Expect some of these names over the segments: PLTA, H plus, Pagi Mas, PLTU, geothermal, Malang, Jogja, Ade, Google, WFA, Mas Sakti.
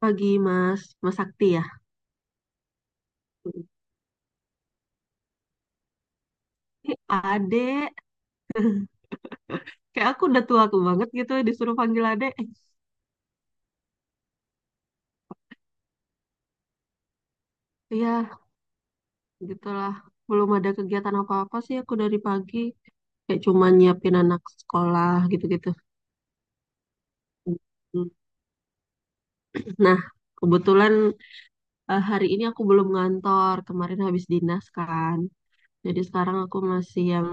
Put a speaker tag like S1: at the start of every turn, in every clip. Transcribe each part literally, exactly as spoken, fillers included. S1: Pagi Mas, Mas Sakti ya. Ih, Ade, kayak aku udah tua aku banget gitu disuruh panggil Ade. Eh, Iya, gitulah. Belum ada kegiatan apa-apa sih aku dari pagi. Kayak cuma nyiapin anak sekolah gitu-gitu. Hmm. Nah, kebetulan eh, hari ini aku belum ngantor. Kemarin habis dinas kan. Jadi sekarang aku masih yang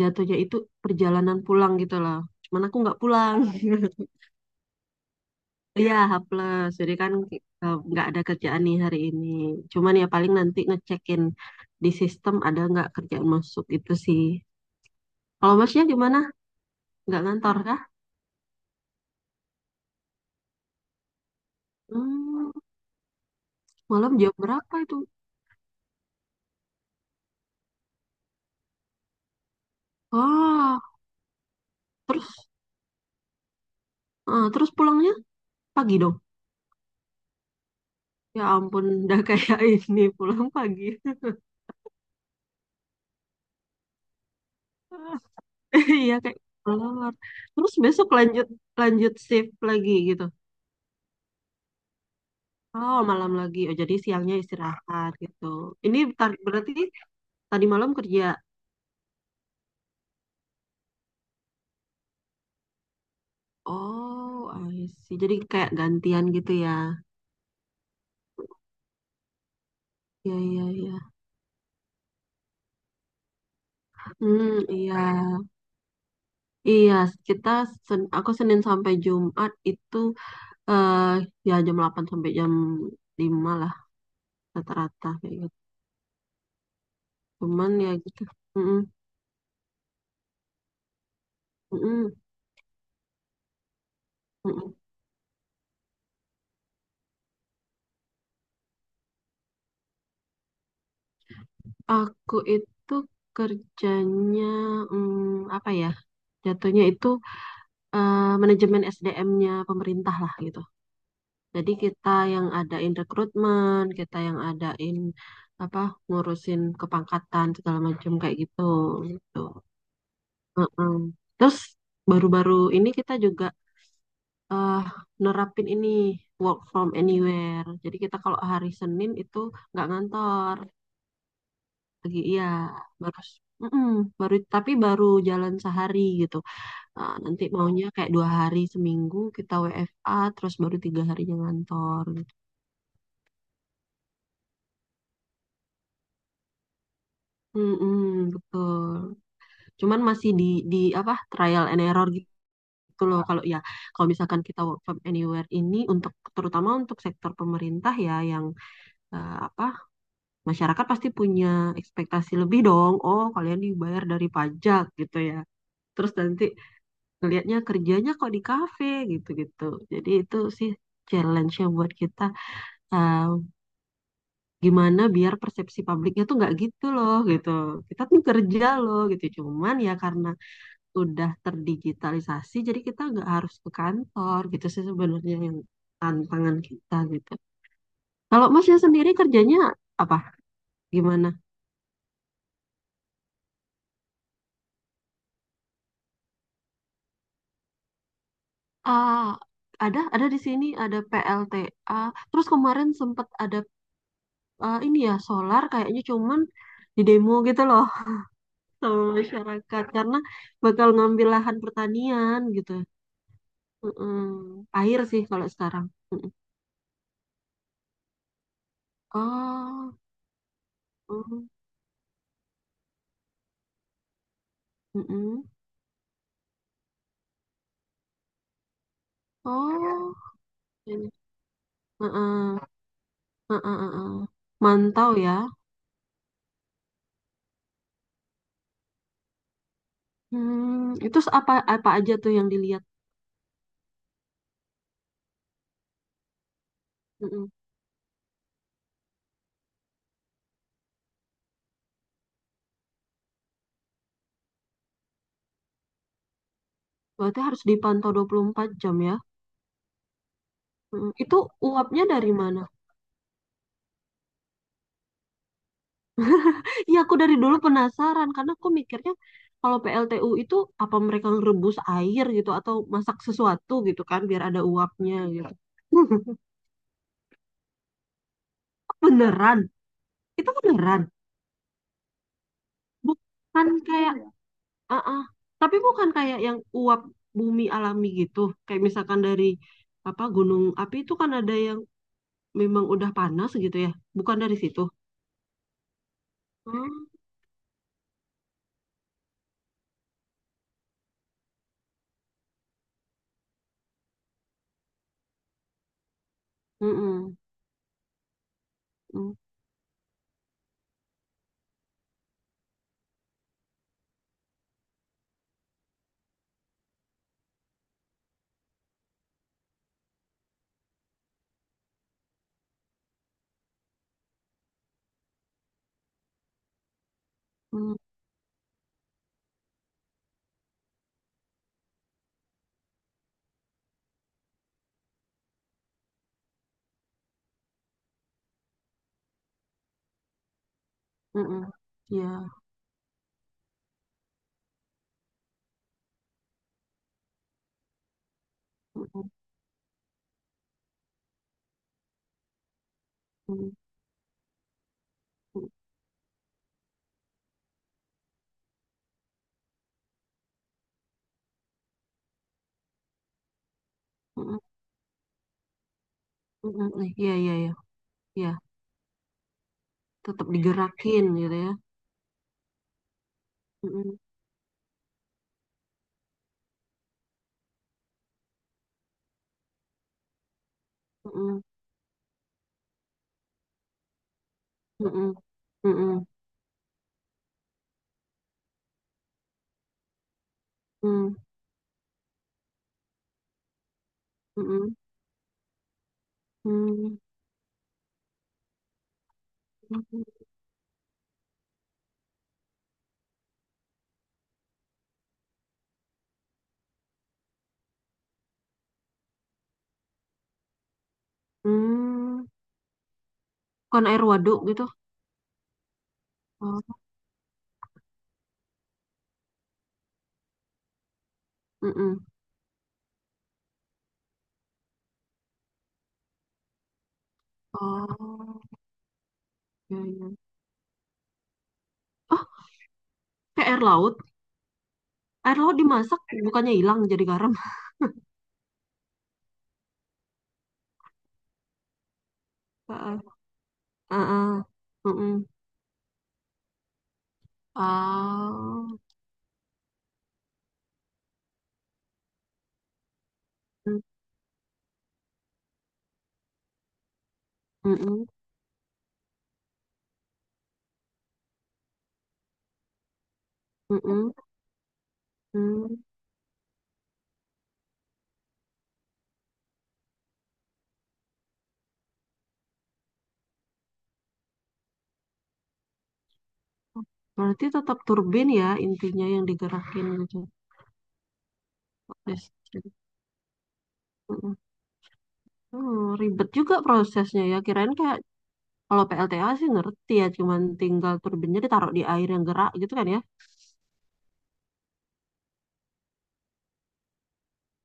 S1: jatuhnya itu perjalanan pulang gitu loh. Cuman aku nggak pulang. Iya, H plus. Jadi kan ki- eh, nggak ada kerjaan nih hari ini. Cuman ya paling nanti ngecekin di sistem ada nggak kerjaan masuk itu sih. Kalau masnya gimana? Nggak ngantor kah? Hmm, malam jam berapa itu? Oh, terus eh, terus pulangnya pagi dong. Ya ampun, udah kayak ini pulang pagi. Iya kayak keluar. Terus besok lanjut lanjut shift lagi gitu. Oh, malam lagi. Oh, jadi siangnya istirahat gitu. Ini tar- berarti tadi malam kerja. Oh, I see. Jadi kayak gantian gitu ya. Iya, iya, iya. Hmm, iya. Iya, kita sen- aku Senin sampai Jumat itu eh ya jam delapan sampai jam lima lah rata-rata kayak gitu. Cuman ya gitu. Mm-mm, mm-mm, mm-mm. Aku itu kerjanya mm, apa ya? Jatuhnya itu eh, manajemen S D M-nya pemerintah lah gitu. Jadi kita yang adain rekrutmen, kita yang adain apa ngurusin kepangkatan segala macam kayak gitu gitu. Heeh. Terus baru-baru ini kita juga eh, nerapin ini work from anywhere. Jadi kita kalau hari Senin itu nggak ngantor lagi, iya, baru mm-mm, baru tapi baru jalan sehari gitu. Nah, nanti maunya kayak dua hari seminggu kita W F A terus baru tiga harinya ngantor. mm Betul. Cuman masih di di apa trial and error gitu loh kalau ya kalau misalkan kita work from anywhere ini untuk terutama untuk sektor pemerintah ya yang eh, apa masyarakat pasti punya ekspektasi lebih dong oh kalian dibayar dari pajak gitu ya terus nanti ngelihatnya kerjanya kok di kafe gitu-gitu jadi itu sih challenge-nya buat kita eh, gimana biar persepsi publiknya tuh nggak gitu loh gitu kita tuh kerja loh gitu cuman ya karena udah terdigitalisasi, jadi kita nggak harus ke kantor gitu sih sebenarnya yang tantangan kita gitu. Kalau Masnya sendiri kerjanya apa? Gimana? Ah, ada ada di sini ada P L T A. Terus kemarin sempat ada ah, ini ya solar kayaknya cuman di demo gitu loh sama masyarakat karena bakal ngambil lahan pertanian gitu. Mm-mm. Air sih kalau sekarang. Mm-mm. Oh, mm, mm-mm. Oh, ini. Heeh. Heeh, heeh, heeh. Mantau ya. Hmm, itu apa apa aja tuh yang dilihat? Heeh. Berarti harus dipantau dua puluh empat jam ya. Heeh. Itu uapnya dari mana? Iya, aku dari dulu penasaran karena aku mikirnya kalau P L T U itu apa mereka ngerebus air gitu atau masak sesuatu gitu kan biar ada uapnya gitu. Beneran. Itu beneran. Bukan kayak ah ah. Tapi bukan kayak yang uap bumi alami gitu. Kayak misalkan dari apa gunung api itu kan ada yang memang udah panas gitu ya? Bukan dari situ. Hmm. Mm-mm. Mm, mm, mm-mm. Ya. Mm-mm. Mm, mm-mm. Mm-mm. Eh, Iya, iya, iya. Iya, tetap digerakin gitu ya. Mm-mm. Mm-mm. Mm-mm. Mm-mm. Mm, mm-mm. Mm, mm-mm. Hmm. Bukan air waduk gitu. Oh. Mm-mm. Oh, iya, iya. Oh, kayak air laut. Air laut dimasak, bukannya hilang jadi garam. Heeh. Heeh. Mm-mm. Ah. Mm, mm-mm, mm-mm, mm. Berarti tetap turbin ya intinya yang digerakin gitu Pak listrik. Mm-mm. Hmm, ribet juga prosesnya ya. Kirain kayak kalau P L T A sih ngerti ya, cuman tinggal turbinnya ditaruh di air yang gerak gitu kan ya.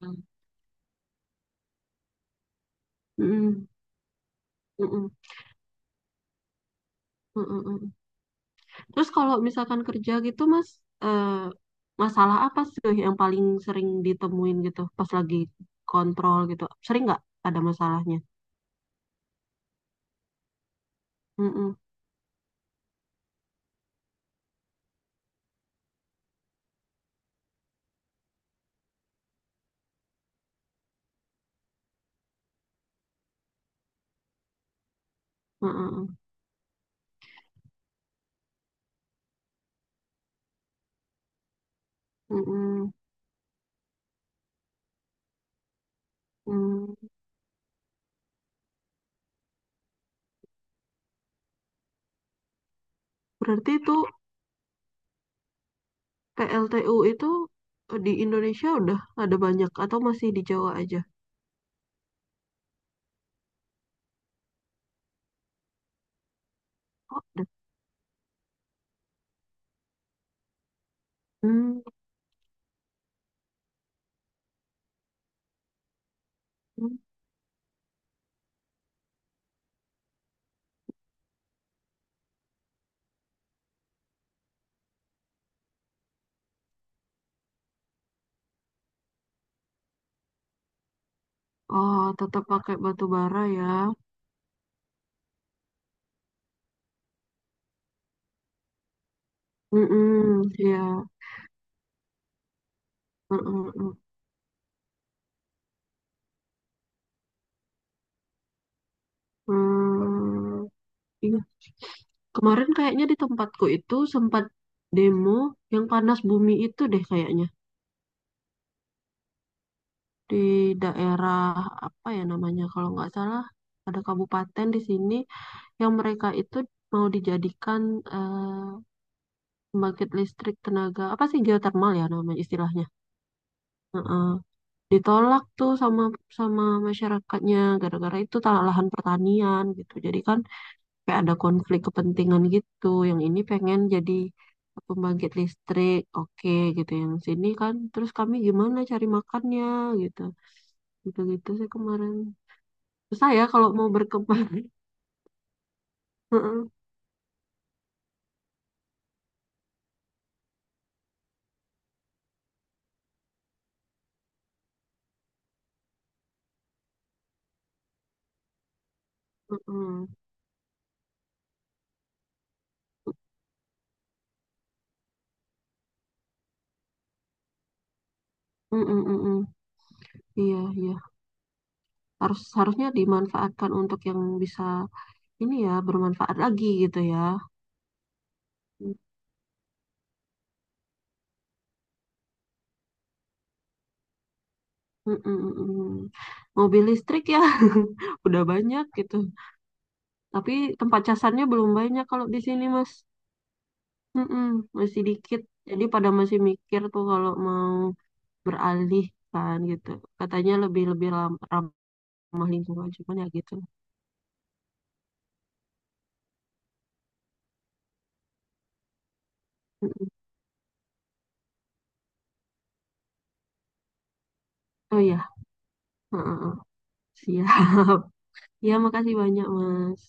S1: Hmm. Mm-mm, mm-mm, mm-mm, mm-mm. Terus kalau misalkan kerja gitu Mas, eh, masalah apa sih yang paling sering ditemuin gitu pas lagi kontrol gitu? Sering nggak ada masalahnya? Mm-mm, mm-mm, mm-mm, mm. Berarti itu P L T U itu eh, di Indonesia udah ada banyak atau masih di Jawa aja? Oh, ada. Hmm. Oh, tetap pakai batu bara ya. Mm-mm, ya. Mm-mm-mm. Hmm, iya. Kemarin kayaknya di tempatku itu sempat demo yang panas bumi itu deh kayaknya. Di daerah apa ya namanya kalau nggak salah ada kabupaten di sini yang mereka itu mau dijadikan eh, pembangkit listrik tenaga apa sih geothermal ya nama istilahnya. Heeh. Ditolak tuh sama sama masyarakatnya gara-gara itu tanah lahan pertanian gitu. Jadi kan kayak ada konflik kepentingan gitu. Yang ini pengen jadi pembangkit listrik, oke gitu. Yang sini kan terus kami gimana cari makannya gitu. Gitu-gitu sih kemarin. Susah ya kalau mau berkembang. Heeh, heeh. Mm, mm, mm, mm. Iya, iya. Harus harusnya dimanfaatkan untuk yang bisa ini ya bermanfaat lagi gitu ya. Mm, mm, mm, mm. Mobil listrik ya udah banyak gitu. Tapi tempat casannya belum banyak kalau di sini Mas. Mm, mm, masih dikit. Jadi pada masih mikir tuh kalau mau beralih kan gitu. Katanya lebih lebih lam- ramah lingkungan cuman ya gitu. Mm, mm. Oh ya, siap. Ya makasih banyak Mas.